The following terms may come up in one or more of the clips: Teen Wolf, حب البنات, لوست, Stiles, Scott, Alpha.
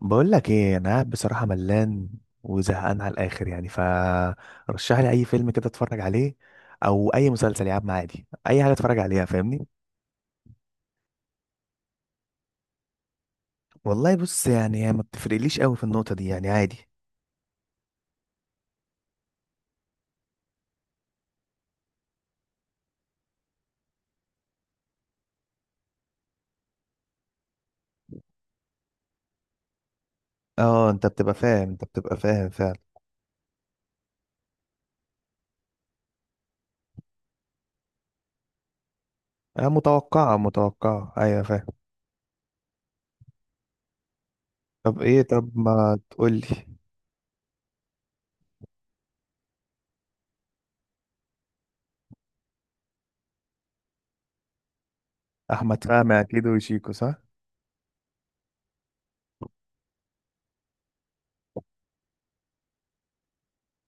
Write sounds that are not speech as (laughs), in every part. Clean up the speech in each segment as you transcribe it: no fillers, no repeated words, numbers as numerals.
بقول لك ايه، انا قاعد بصراحه ملان وزهقان على الاخر. يعني فرشح لي اي فيلم كده اتفرج عليه، او اي مسلسل يا عم، عادي اي حاجه اتفرج عليها، فاهمني؟ والله بص، يعني هي ما بتفرقليش قوي في النقطة دي، يعني عادي. اه، انت بتبقى فاهم فعلا. متوقعه متوقعه، ايوه فاهم. طب ما تقول لي. احمد فهمي اكيد وشيكو، صح؟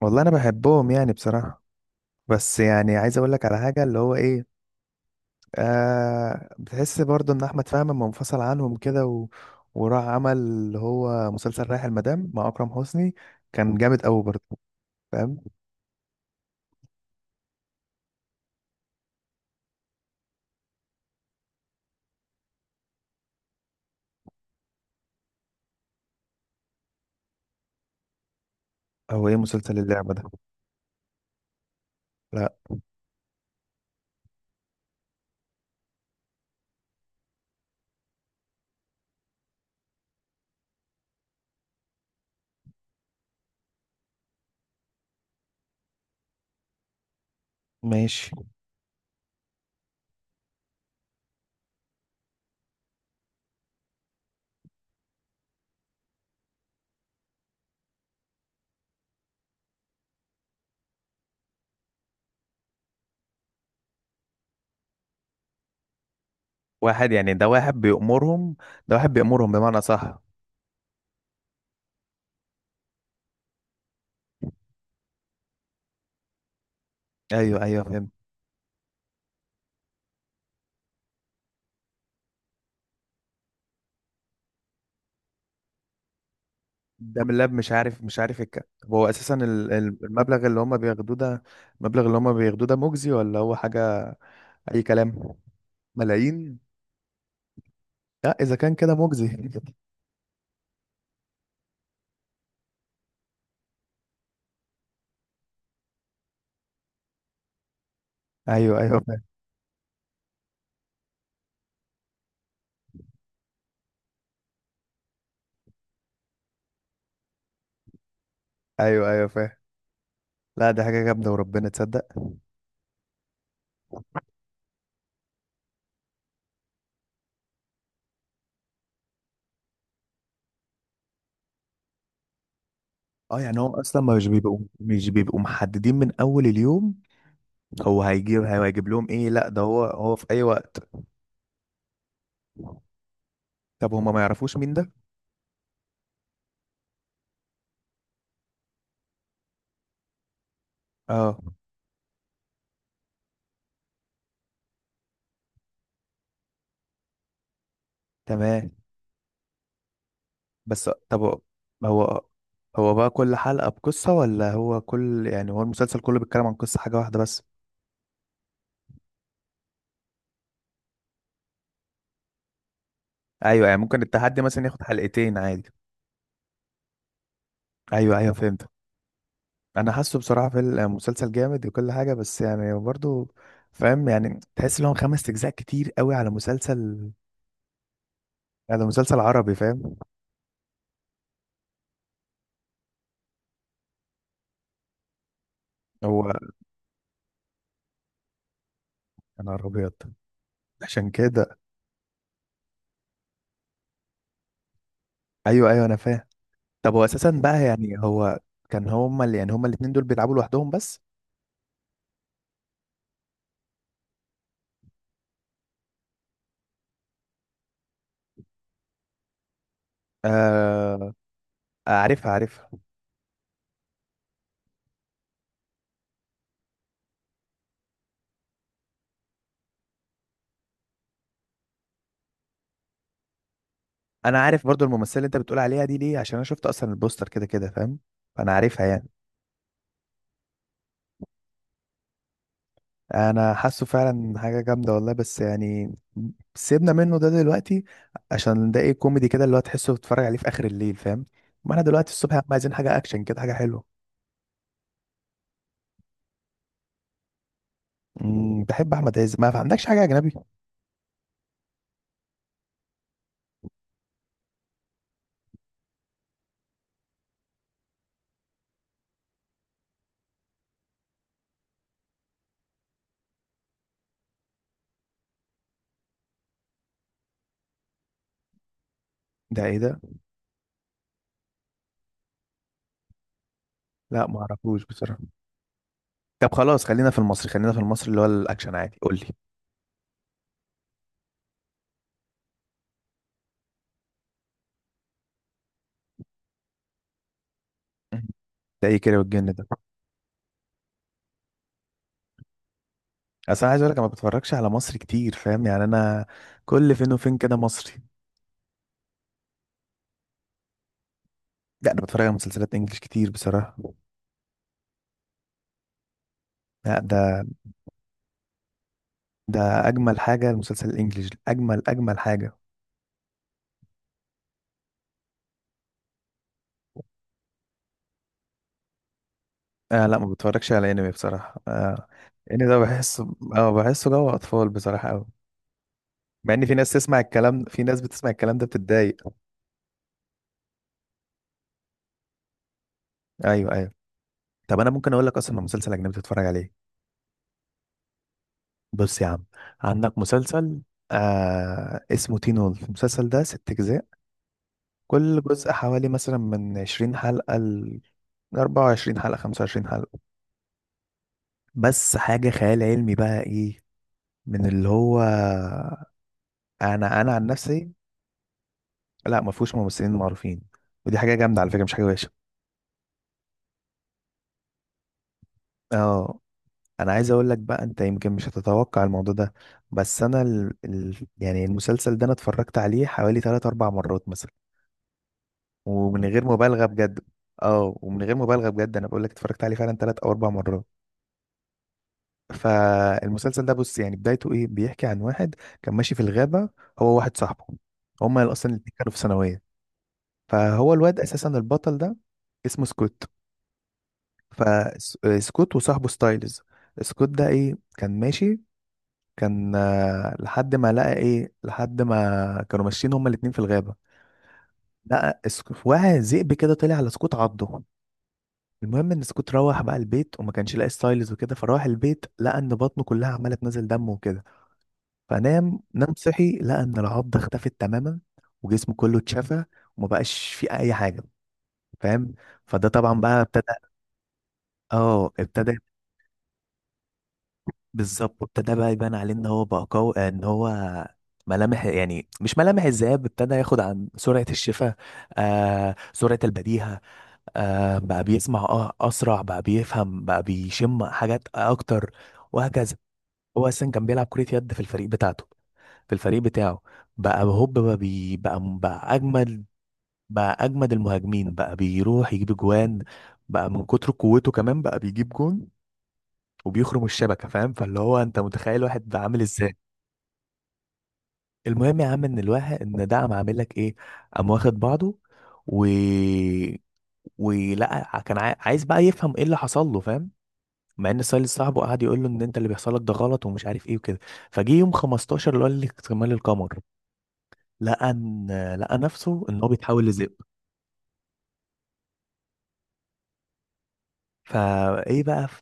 والله انا بحبهم يعني بصراحه. بس يعني عايز اقول لك على حاجه اللي هو ايه. آه، بتحس برضه ان احمد فهمي لما منفصل عنهم كده وراح عمل اللي هو مسلسل رايح المدام مع اكرم حسني، كان جامد قوي برضه، فاهم؟ هو ايه مسلسل اللعبه ده؟ لا. ماشي. واحد يعني، ده واحد بيأمرهم، ده واحد بيأمرهم بمعنى، صح؟ ايوه ايوه فهمت. ده من لاب، مش عارف طب هو اساسا المبلغ اللي هم بياخدوه ده، المبلغ اللي هم بياخدوه ده مجزي ولا هو حاجه؟ اي كلام؟ ملايين. لا اذا كان كده مجزي (laughs) ايوه ايوه فاهم. ايوه ايوه فاهم. لا دي حاجة جامدة وربنا تصدق. اه يعني هو اصلا مش بيبقوا محددين من اول اليوم. هو هيجيب لهم ايه؟ لا ده هو في اي وقت. طب هما ما يعرفوش مين ده؟ اه. تمام. بس طب هو هو بقى كل حلقة بقصة ولا هو كل يعني، هو المسلسل كله بيتكلم عن قصة حاجة واحدة بس؟ ايوه، يعني ممكن التحدي مثلا ياخد حلقتين عادي. ايوه ايوه فهمت. انا حاسه بصراحة في المسلسل جامد وكل حاجة، بس يعني برضو فاهم، يعني تحس ان هو 5 اجزاء كتير قوي على مسلسل. لا ده مسلسل عربي فاهم. هو انا ابيض. عشان كده ايوه ايوه انا فاهم. طب هو اساسا بقى يعني هو كان هما اللي يعني هما الاتنين دول بيلعبوا لوحدهم بس؟ آه. عارفها عارفها. انا عارف برضو الممثله اللي انت بتقول عليها دي، ليه؟ عشان انا شفت اصلا البوستر كده كده فاهم. فانا عارفها يعني. انا حاسه فعلا حاجه جامده والله، بس يعني سيبنا منه ده دلوقتي. عشان ده ايه، كوميدي كده، اللي هو تحسه بتتفرج عليه في اخر الليل فاهم. ما انا دلوقتي الصبح يا عم، عايزين حاجه اكشن كده، حاجه حلوه. بحب احمد عز، ما عندكش حاجه اجنبي؟ ده ايه ده؟ لا ما اعرفوش بصراحه. طب خلاص، خلينا في المصري، خلينا في المصري اللي هو الاكشن عادي، قول لي. ده ايه كده، والجن ده؟ اصل انا عايز اقول لك انا ما بتفرجش على مصري كتير فاهم، يعني انا كل فين وفين كده مصري. لا انا بتفرج على مسلسلات انجليش كتير بصراحه. لا ده اجمل حاجه، المسلسل الانجليش اجمل اجمل حاجه. آه لا ما بتفرجش على انمي بصراحه، آه. انمي ده بحسه اه بحسه جو اطفال بصراحه قوي. مع ان في ناس تسمع الكلام، في ناس بتسمع الكلام ده بتتضايق. ايوه ايوه. طب انا ممكن اقول لك اصلا مسلسل اجنبي تتفرج عليه. بص يا عم، عندك مسلسل آه اسمه تين وولف. المسلسل ده 6 أجزاء، كل جزء حوالي مثلا من 20 حلقة لأربعة وعشرين حلقة، 25 حلقة. بس حاجة خيال علمي بقى إيه، من اللي هو، أنا عن نفسي. لا ما فيهوش ممثلين معروفين. ودي حاجة جامدة على فكرة، مش حاجة وحشة. اه. أنا عايز أقول لك بقى أنت يمكن مش هتتوقع الموضوع ده، بس أنا يعني المسلسل ده أنا اتفرجت عليه حوالي تلات أربع مرات مثلا، ومن غير مبالغه بجد. اه، ومن غير مبالغه بجد انا بقول لك اتفرجت عليه فعلا 3 او 4 مرات. فالمسلسل ده بص، يعني بدايته ايه، بيحكي عن واحد كان ماشي في الغابه، هو واحد صاحبه، هما اصلا الاتنين كانوا في ثانويه. فهو الواد اساسا البطل ده اسمه سكوت. فسكوت وصاحبه ستايلز، سكوت ده ايه كان ماشي، كان لحد ما لقى ايه، لحد ما كانوا ماشيين هما الاتنين في الغابه، واحد ذئب كده طلع على سكوت عضه. المهم ان سكوت روح بقى البيت وما كانش لاقي ستايلز وكده، فراح البيت لقى ان بطنه كلها عماله تنزل دم وكده. فنام نام صحي لقى ان العضه اختفت تماما، وجسمه كله اتشفى، وما بقاش فيه اي حاجه فاهم. فده طبعا بقى ابتدى. اه ابتدى. بالظبط، ابتدى بقى يبان عليه ان هو بقى قوي، ان هو ملامح يعني مش ملامح الذئاب، ابتدى ياخد عن سرعة الشفاء، آه سرعة البديهة، آه بقى بيسمع اه اسرع، بقى بيفهم، بقى بيشم حاجات اكتر، وهكذا. هو اساسا كان بيلعب كرة يد في الفريق بتاعته، في الفريق بتاعه، بقى هوب بقى بي بقى اجمد. بقى اجمد المهاجمين، بقى بيروح يجيب جوان، بقى من كتر قوته كمان بقى بيجيب جون وبيخرم الشبكة فاهم. فاللي هو انت متخيل واحد ده عامل ازاي. المهم يا عم ان الواحد ان ده قام عامل لك ايه، قام واخد بعضه، و ولقى كان عايز بقى يفهم ايه اللي حصل له فاهم. مع ان سالي صاحبه قعد يقول له ان انت اللي بيحصل لك ده غلط ومش عارف ايه وكده. فجه يوم 15 اللي هو اللي اكتمال القمر، لقى ان، لقى نفسه ان هو بيتحول لذئب. فايه بقى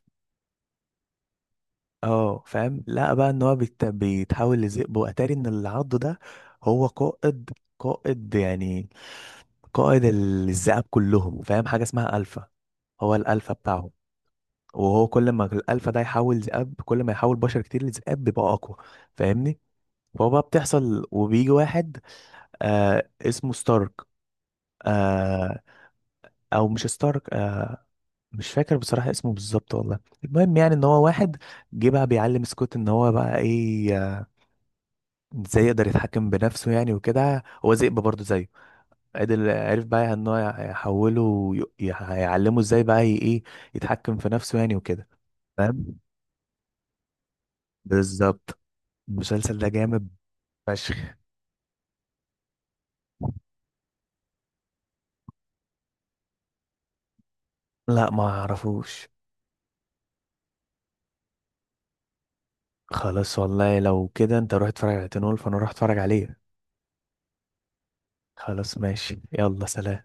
اه فاهم. لقى بقى ان هو بيتحول لذئب. واتاري ان اللي عضه ده هو قائد، قائد يعني، قائد الذئاب كلهم فاهم، حاجه اسمها الفا. هو الالفا بتاعهم. وهو كل ما الالفا ده يحول ذئاب، كل ما يحول بشر كتير لذئاب بيبقى اقوى، فاهمني؟ فهو بقى بتحصل، وبيجي واحد آه اسمه ستارك، آه او مش ستارك مش فاكر بصراحة اسمه بالظبط والله. المهم يعني ان هو واحد جه بقى بيعلم سكوت ان هو بقى ايه ازاي يقدر يتحكم بنفسه يعني وكده. هو ذئب برضه زيه، عدل. عرف بقى ان هو يحوله يعلمه ازاي بقى ايه، يتحكم في نفسه يعني وكده. فاهم. بالظبط. المسلسل ده جامد فشخ. لا ما اعرفوش. خلاص والله لو كده انت روح اتفرج على تنول فانا روح اتفرج عليه. خلاص ماشي يلا سلام.